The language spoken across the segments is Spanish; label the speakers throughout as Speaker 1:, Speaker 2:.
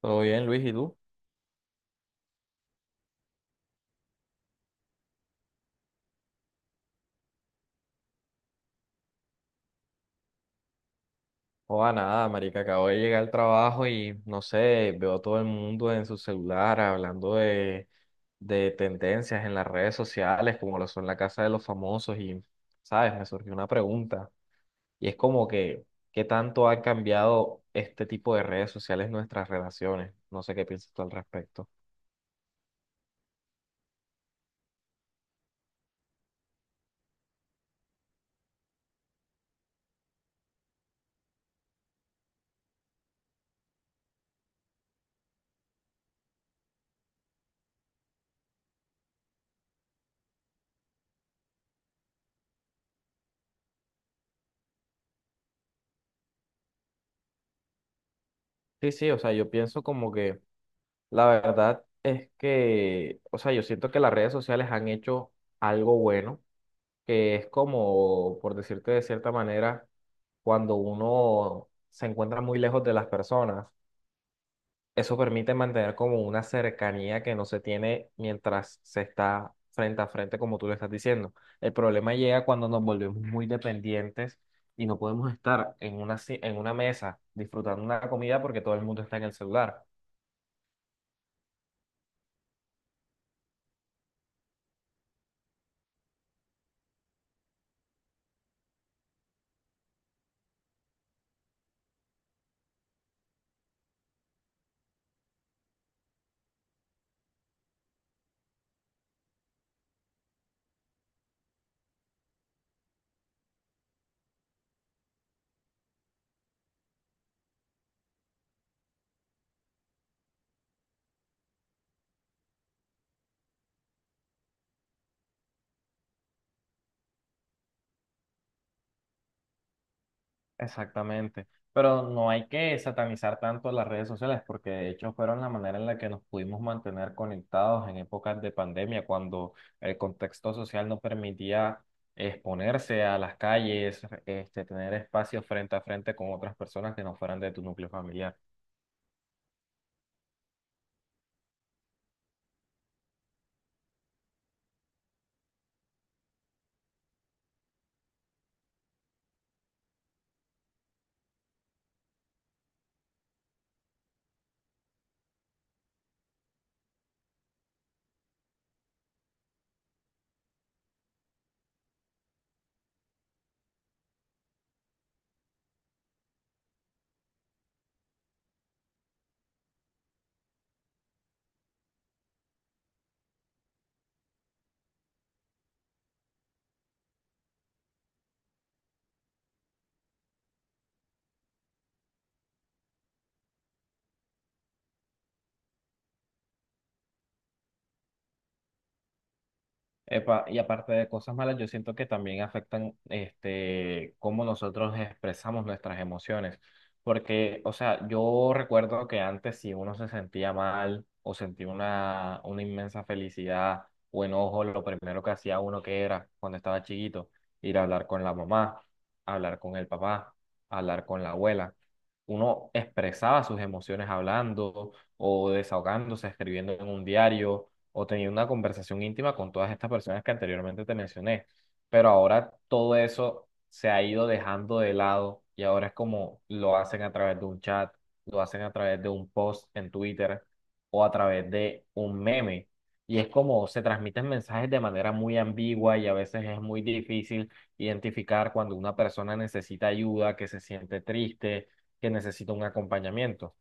Speaker 1: Todo bien, Luis, ¿y tú? Joda, nada, marica, acabo de llegar al trabajo y no sé, veo a todo el mundo en su celular hablando de tendencias en las redes sociales, como lo son la casa de los famosos, y, ¿sabes? Me surgió una pregunta, y es como que, ¿qué tanto han cambiado este tipo de redes sociales en nuestras relaciones? No sé qué piensas tú al respecto. Sí, sí, o sea, yo pienso como que la verdad es que, o sea, yo siento que las redes sociales han hecho algo bueno que es como, por decirte de cierta manera, cuando uno se encuentra muy lejos de las personas, eso permite mantener como una cercanía que no se tiene mientras se está frente a frente, como tú le estás diciendo. El problema llega cuando nos volvemos muy dependientes y no podemos estar en una, en una mesa disfrutando una comida porque todo el mundo está en el celular. Exactamente. Pero no hay que satanizar tanto las redes sociales porque de hecho fueron la manera en la que nos pudimos mantener conectados en épocas de pandemia, cuando el contexto social no permitía exponerse a las calles, este, tener espacios frente a frente con otras personas que no fueran de tu núcleo familiar. Epa, y aparte de cosas malas, yo siento que también afectan este, cómo nosotros expresamos nuestras emociones. Porque, o sea, yo recuerdo que antes si uno se sentía mal o sentía una inmensa felicidad o enojo, lo primero que hacía uno que era cuando estaba chiquito, ir a hablar con la mamá, hablar con el papá, hablar con la abuela. Uno expresaba sus emociones hablando o desahogándose, escribiendo en un diario o tenido una conversación íntima con todas estas personas que anteriormente te mencioné. Pero ahora todo eso se ha ido dejando de lado y ahora es como lo hacen a través de un chat, lo hacen a través de un post en Twitter o a través de un meme. Y es como se transmiten mensajes de manera muy ambigua y a veces es muy difícil identificar cuando una persona necesita ayuda, que se siente triste, que necesita un acompañamiento.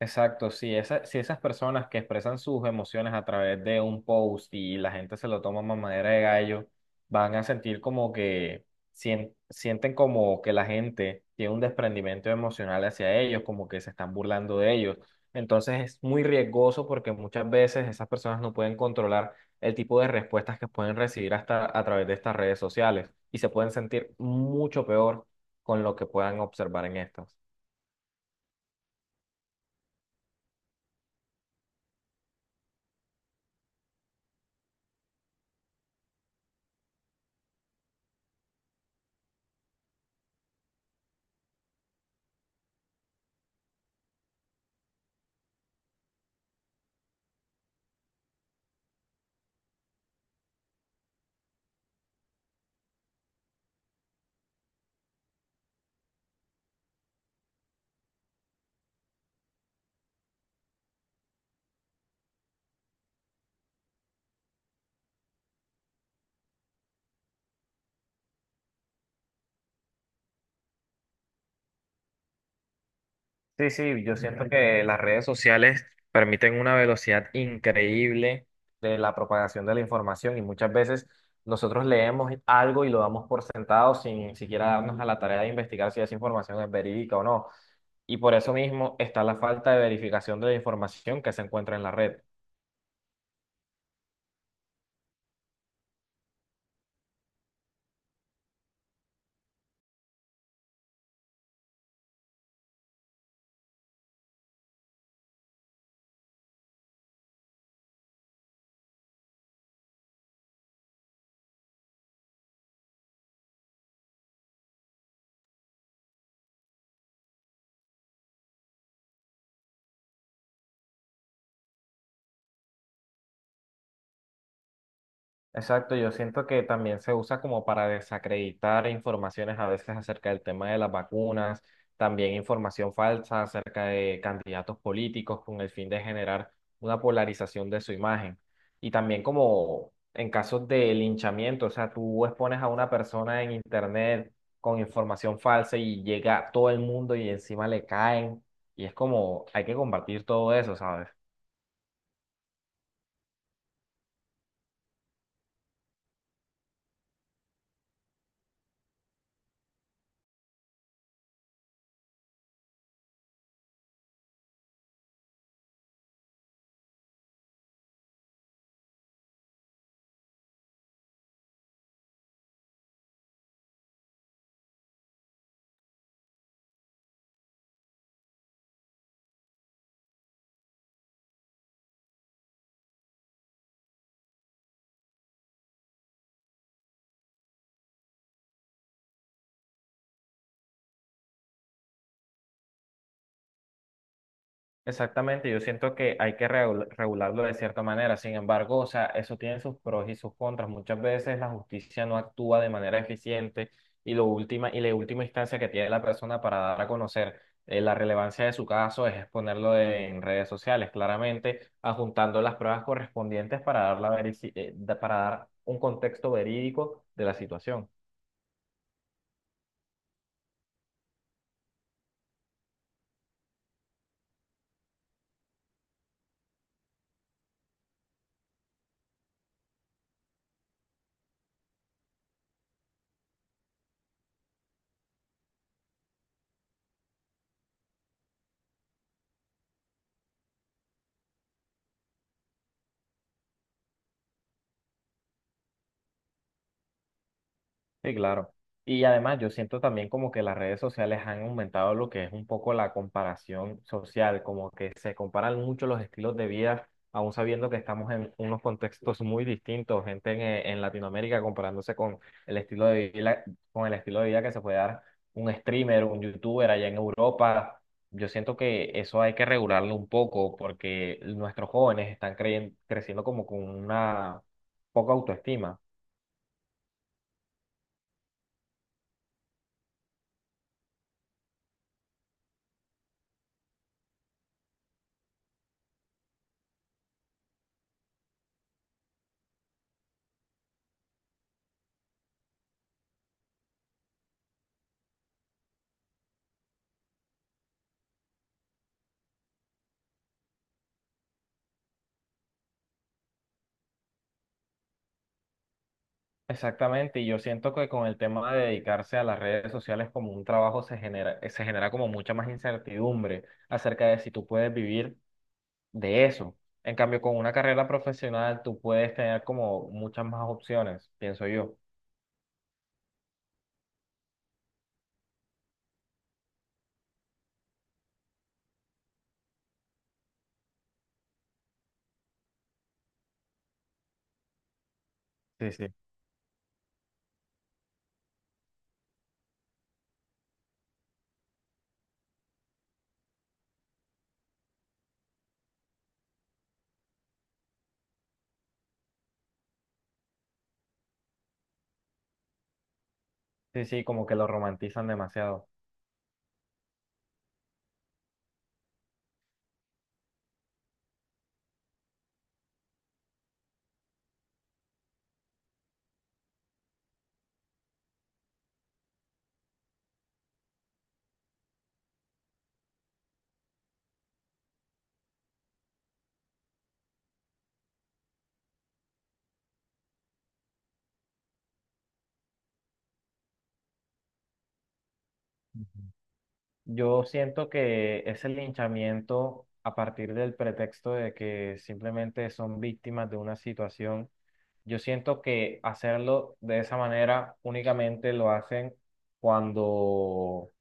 Speaker 1: Exacto, si, si esas personas que expresan sus emociones a través de un post y la gente se lo toma a manera de gallo, van a sentir como que sienten como que la gente tiene un desprendimiento emocional hacia ellos, como que se están burlando de ellos. Entonces es muy riesgoso porque muchas veces esas personas no pueden controlar el tipo de respuestas que pueden recibir hasta a través de estas redes sociales y se pueden sentir mucho peor con lo que puedan observar en estas. Sí, sí, yo siento que las redes sociales permiten una velocidad increíble de la propagación de la información y muchas veces nosotros leemos algo y lo damos por sentado sin siquiera darnos a la tarea de investigar si esa información es verídica o no. Y por eso mismo está la falta de verificación de la información que se encuentra en la red. Exacto, yo siento que también se usa como para desacreditar informaciones a veces acerca del tema de las vacunas, también información falsa acerca de candidatos políticos con el fin de generar una polarización de su imagen. Y también como en casos de linchamiento, o sea, tú expones a una persona en internet con información falsa y llega a todo el mundo y encima le caen. Y es como, hay que combatir todo eso, ¿sabes? Exactamente, yo siento que hay que regularlo de cierta manera, sin embargo, o sea, eso tiene sus pros y sus contras. Muchas veces la justicia no actúa de manera eficiente y, la última instancia que tiene la persona para dar a conocer la relevancia de su caso es exponerlo en redes sociales, claramente adjuntando las pruebas correspondientes para dar, para dar un contexto verídico de la situación. Sí, claro. Y además yo siento también como que las redes sociales han aumentado lo que es un poco la comparación social, como que se comparan mucho los estilos de vida, aún sabiendo que estamos en unos contextos muy distintos, gente en Latinoamérica comparándose con el estilo de vida, con el estilo de vida que se puede dar un streamer, un youtuber allá en Europa. Yo siento que eso hay que regularlo un poco porque nuestros jóvenes están creciendo como con una poca autoestima. Exactamente, y yo siento que con el tema de dedicarse a las redes sociales como un trabajo se genera como mucha más incertidumbre acerca de si tú puedes vivir de eso. En cambio, con una carrera profesional tú puedes tener como muchas más opciones, pienso yo. Sí, sí. Sí, sí, como que lo romantizan demasiado. Ujú. Yo siento que ese linchamiento a partir del pretexto de que simplemente son víctimas de una situación, yo siento que hacerlo de esa manera únicamente lo hacen cuando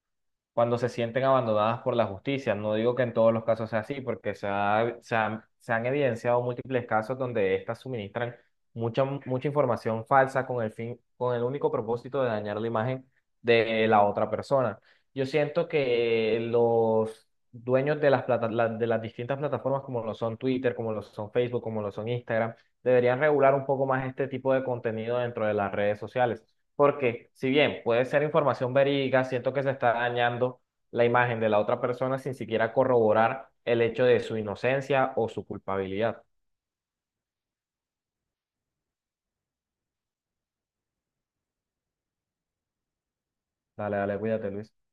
Speaker 1: cuando se sienten abandonadas por la justicia. No digo que en todos los casos sea así, porque se han evidenciado múltiples casos donde estas suministran mucha información falsa con el fin, con el único propósito de dañar la imagen de la otra persona. Yo siento que los dueños de las, de las distintas plataformas, como lo son Twitter, como lo son Facebook, como lo son Instagram, deberían regular un poco más este tipo de contenido dentro de las redes sociales. Porque si bien puede ser información verídica, siento que se está dañando la imagen de la otra persona sin siquiera corroborar el hecho de su inocencia o su culpabilidad. Dale, dale, cuídate, Luis.